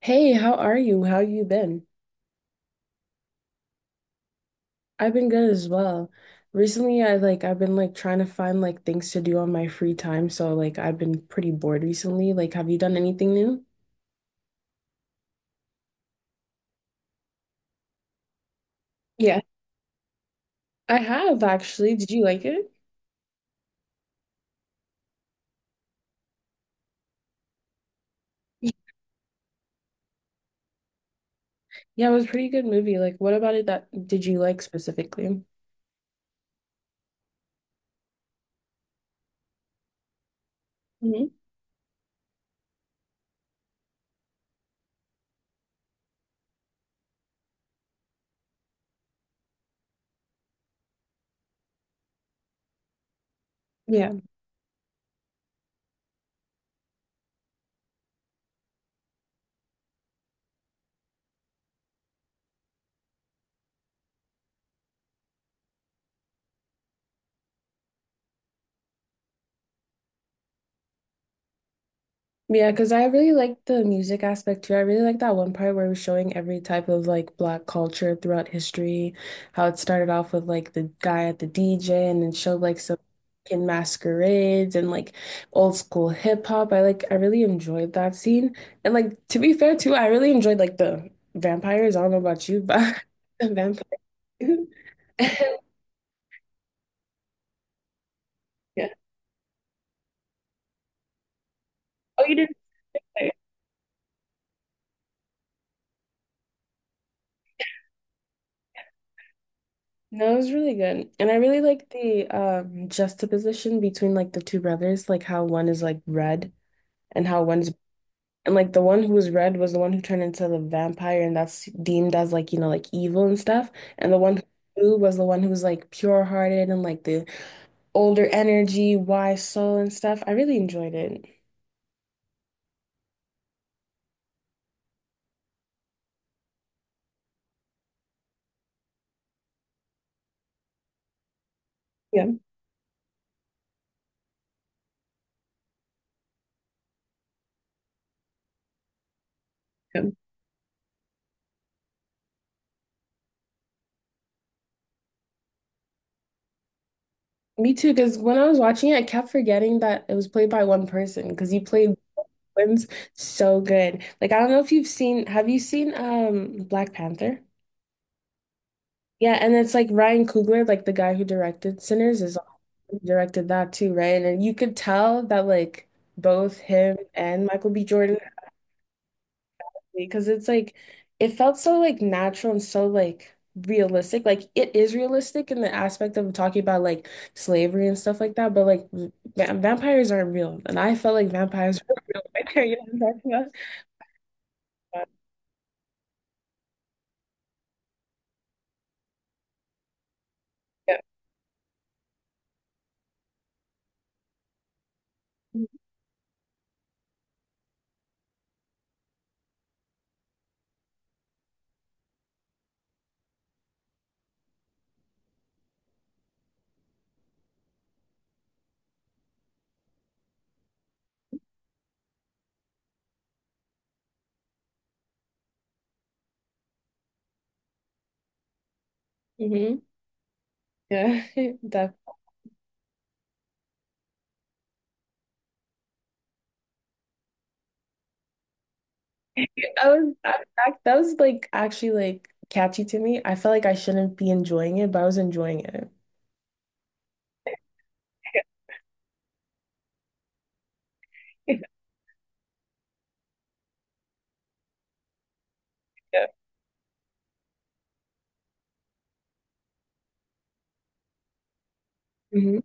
Hey, how are you? How you been? I've been good as well. Recently, I've been trying to find like things to do on my free time, so like I've been pretty bored recently. Like, have you done anything new? Yeah, I have actually. Did you like it? Yeah, it was a pretty good movie. Like, what about it that did you like specifically? Mm-hmm. Yeah, because I really like the music aspect too. I really like that one part where it was showing every type of like black culture throughout history, how it started off with like the guy at the DJ and then showed like some in masquerades and like old school hip hop. I really enjoyed that scene. And like to be fair too, I really enjoyed like the vampires. I don't know about you, but the vampires. Yeah. Oh, you didn't? No, it was really good. And I really like the juxtaposition between like the two brothers, like how one is like red and how one's, and like the one who was red was the one who turned into the vampire, and that's deemed as like, you know, like evil and stuff. And the one who was the one who was like pure hearted and like the older energy, wise soul and stuff. I really enjoyed it. Yeah. Yeah. Me too, because when I was watching it, I kept forgetting that it was played by one person because he played both twins so good. Like I don't know if you've seen, have you seen Black Panther? Yeah, and it's like Ryan Coogler, like the guy who directed Sinners, is he directed that too, right? And you could tell that like both him and Michael B. Jordan, because it's like it felt so like natural and so like realistic. Like it is realistic in the aspect of talking about like slavery and stuff like that, but like vampires aren't real, and I felt like vampires were real. You know what I'm talking about? Uh, Yeah. Hmm. Yeah, that that that was like actually like catchy to me. I felt like I shouldn't be enjoying it, but I was enjoying it. Yeah. Mhm.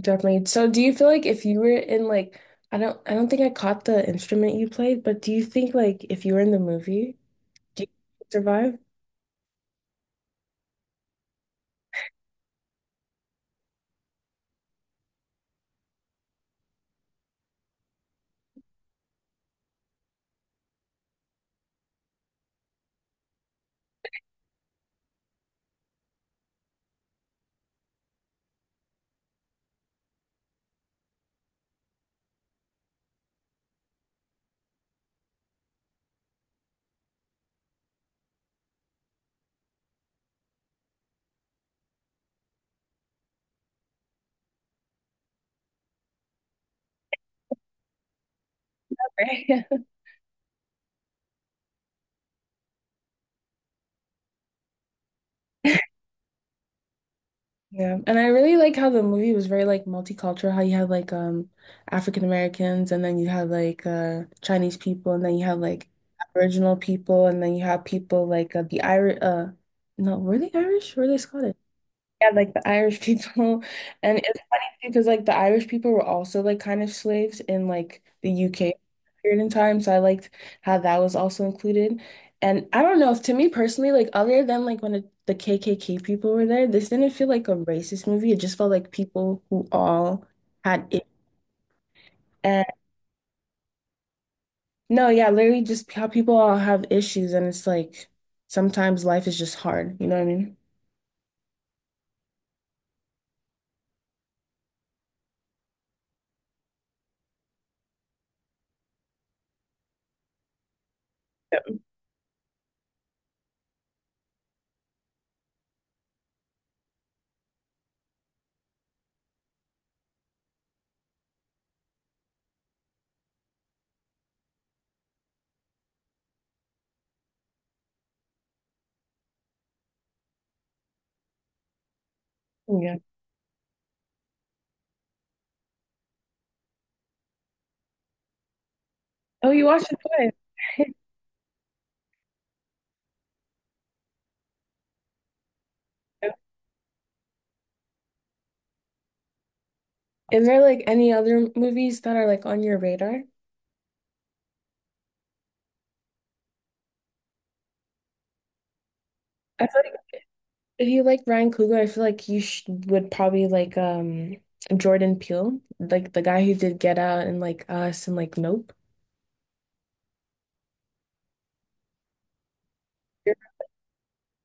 Definitely. So do you feel like if you were in like, I don't think I caught the instrument you played, but do you think like if you were in the movie, do you survive? Right? Yeah. And I really like how the movie was very like multicultural, how you had like African Americans, and then you had like Chinese people, and then you had like Aboriginal people, and then you had people like the Irish no, were they Irish? Were they Scottish? Yeah, like the Irish people. And it's funny too, because like the Irish people were also like kind of slaves in like the UK period in time. So I liked how that was also included. And I don't know, to me personally, like other than like when it, the KKK people were there, this didn't feel like a racist movie. It just felt like people who all had it. And no, yeah, literally just how people all have issues. And it's like sometimes life is just hard. You know what I mean? Yeah. Oh, you watched it twice. Is there like any other movies that are like on your radar? I feel like if you like Ryan Coogler, I feel like you sh would probably like Jordan Peele, like the guy who did Get Out and like Us and like Nope.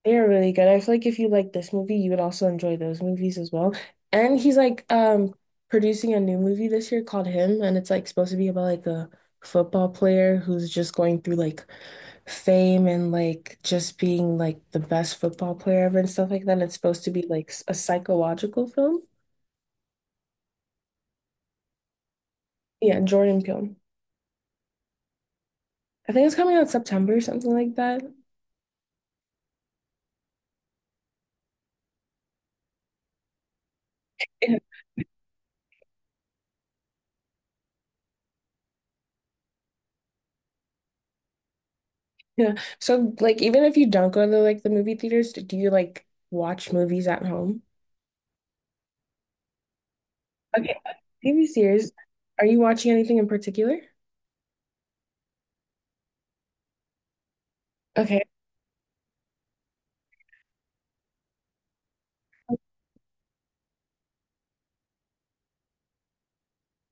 They are really good. I feel like if you like this movie, you would also enjoy those movies as well. And he's like producing a new movie this year called Him, and it's like supposed to be about like a football player who's just going through like fame and like just being like the best football player ever and stuff like that. It's supposed to be like a psychological film. Yeah, Jordan Peele. I think it's coming out September, something like that. Yeah. Yeah. So like even if you don't go to like the movie theaters, do you like watch movies at home? Okay, TV series. Are you watching anything in particular? Okay.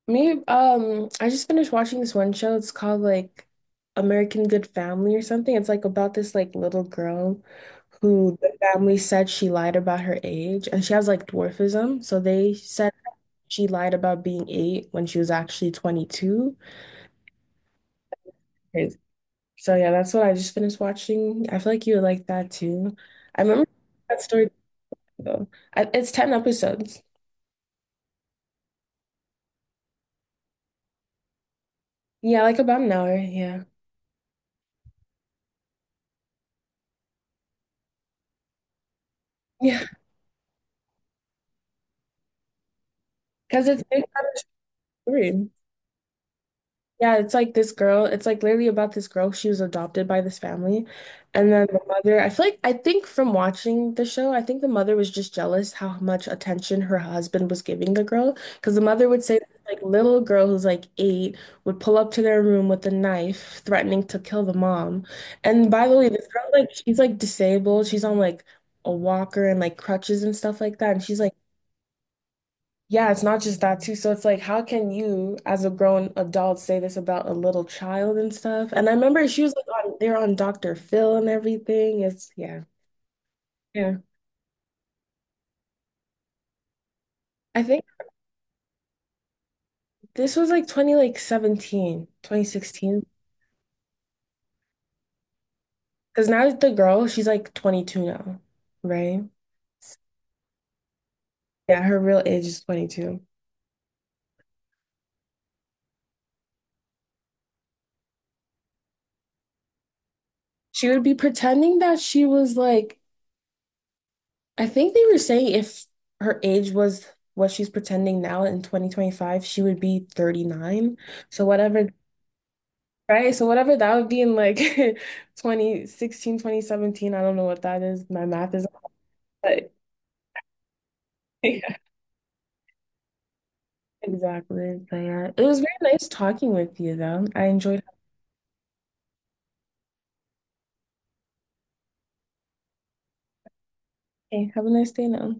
Me, I just finished watching this one show. It's called like American Good Family or something. It's like about this like little girl who the family said she lied about her age and she has like dwarfism. So they said she lied about being eight when she was actually 22. Crazy. So yeah, that's what I just finished watching. I feel like you would like that too. I remember that story though. I, it's 10 episodes. Yeah, like about an hour. Yeah. Yeah, because it's based on a story. Yeah, it's like this girl, it's like literally about this girl. She was adopted by this family. And then the mother, I feel like, I think from watching the show, I think the mother was just jealous how much attention her husband was giving the girl. Because the mother would say that, like, little girl who's like eight would pull up to their room with a knife, threatening to kill the mom. And by the way, this girl, like, she's like disabled. She's on like a walker and like crutches and stuff like that. And she's like, yeah, it's not just that too. So it's like, how can you, as a grown adult, say this about a little child and stuff? And I remember she was like on they're on Dr. Phil and everything. It's yeah. Yeah. I think this was like 20 like seventeen, 2016. Because now the girl, she's like 22 now, right? Yeah, her real age is 22. She would be pretending that she was like, I think they were saying if her age was what she's pretending now in 2025, she would be 39. So whatever. Right? So whatever that would be in like 2016, 2017. I don't know what that is. My math is, but yeah, exactly. But yeah, it was very nice talking with you though. I enjoyed. Okay, have a nice day now.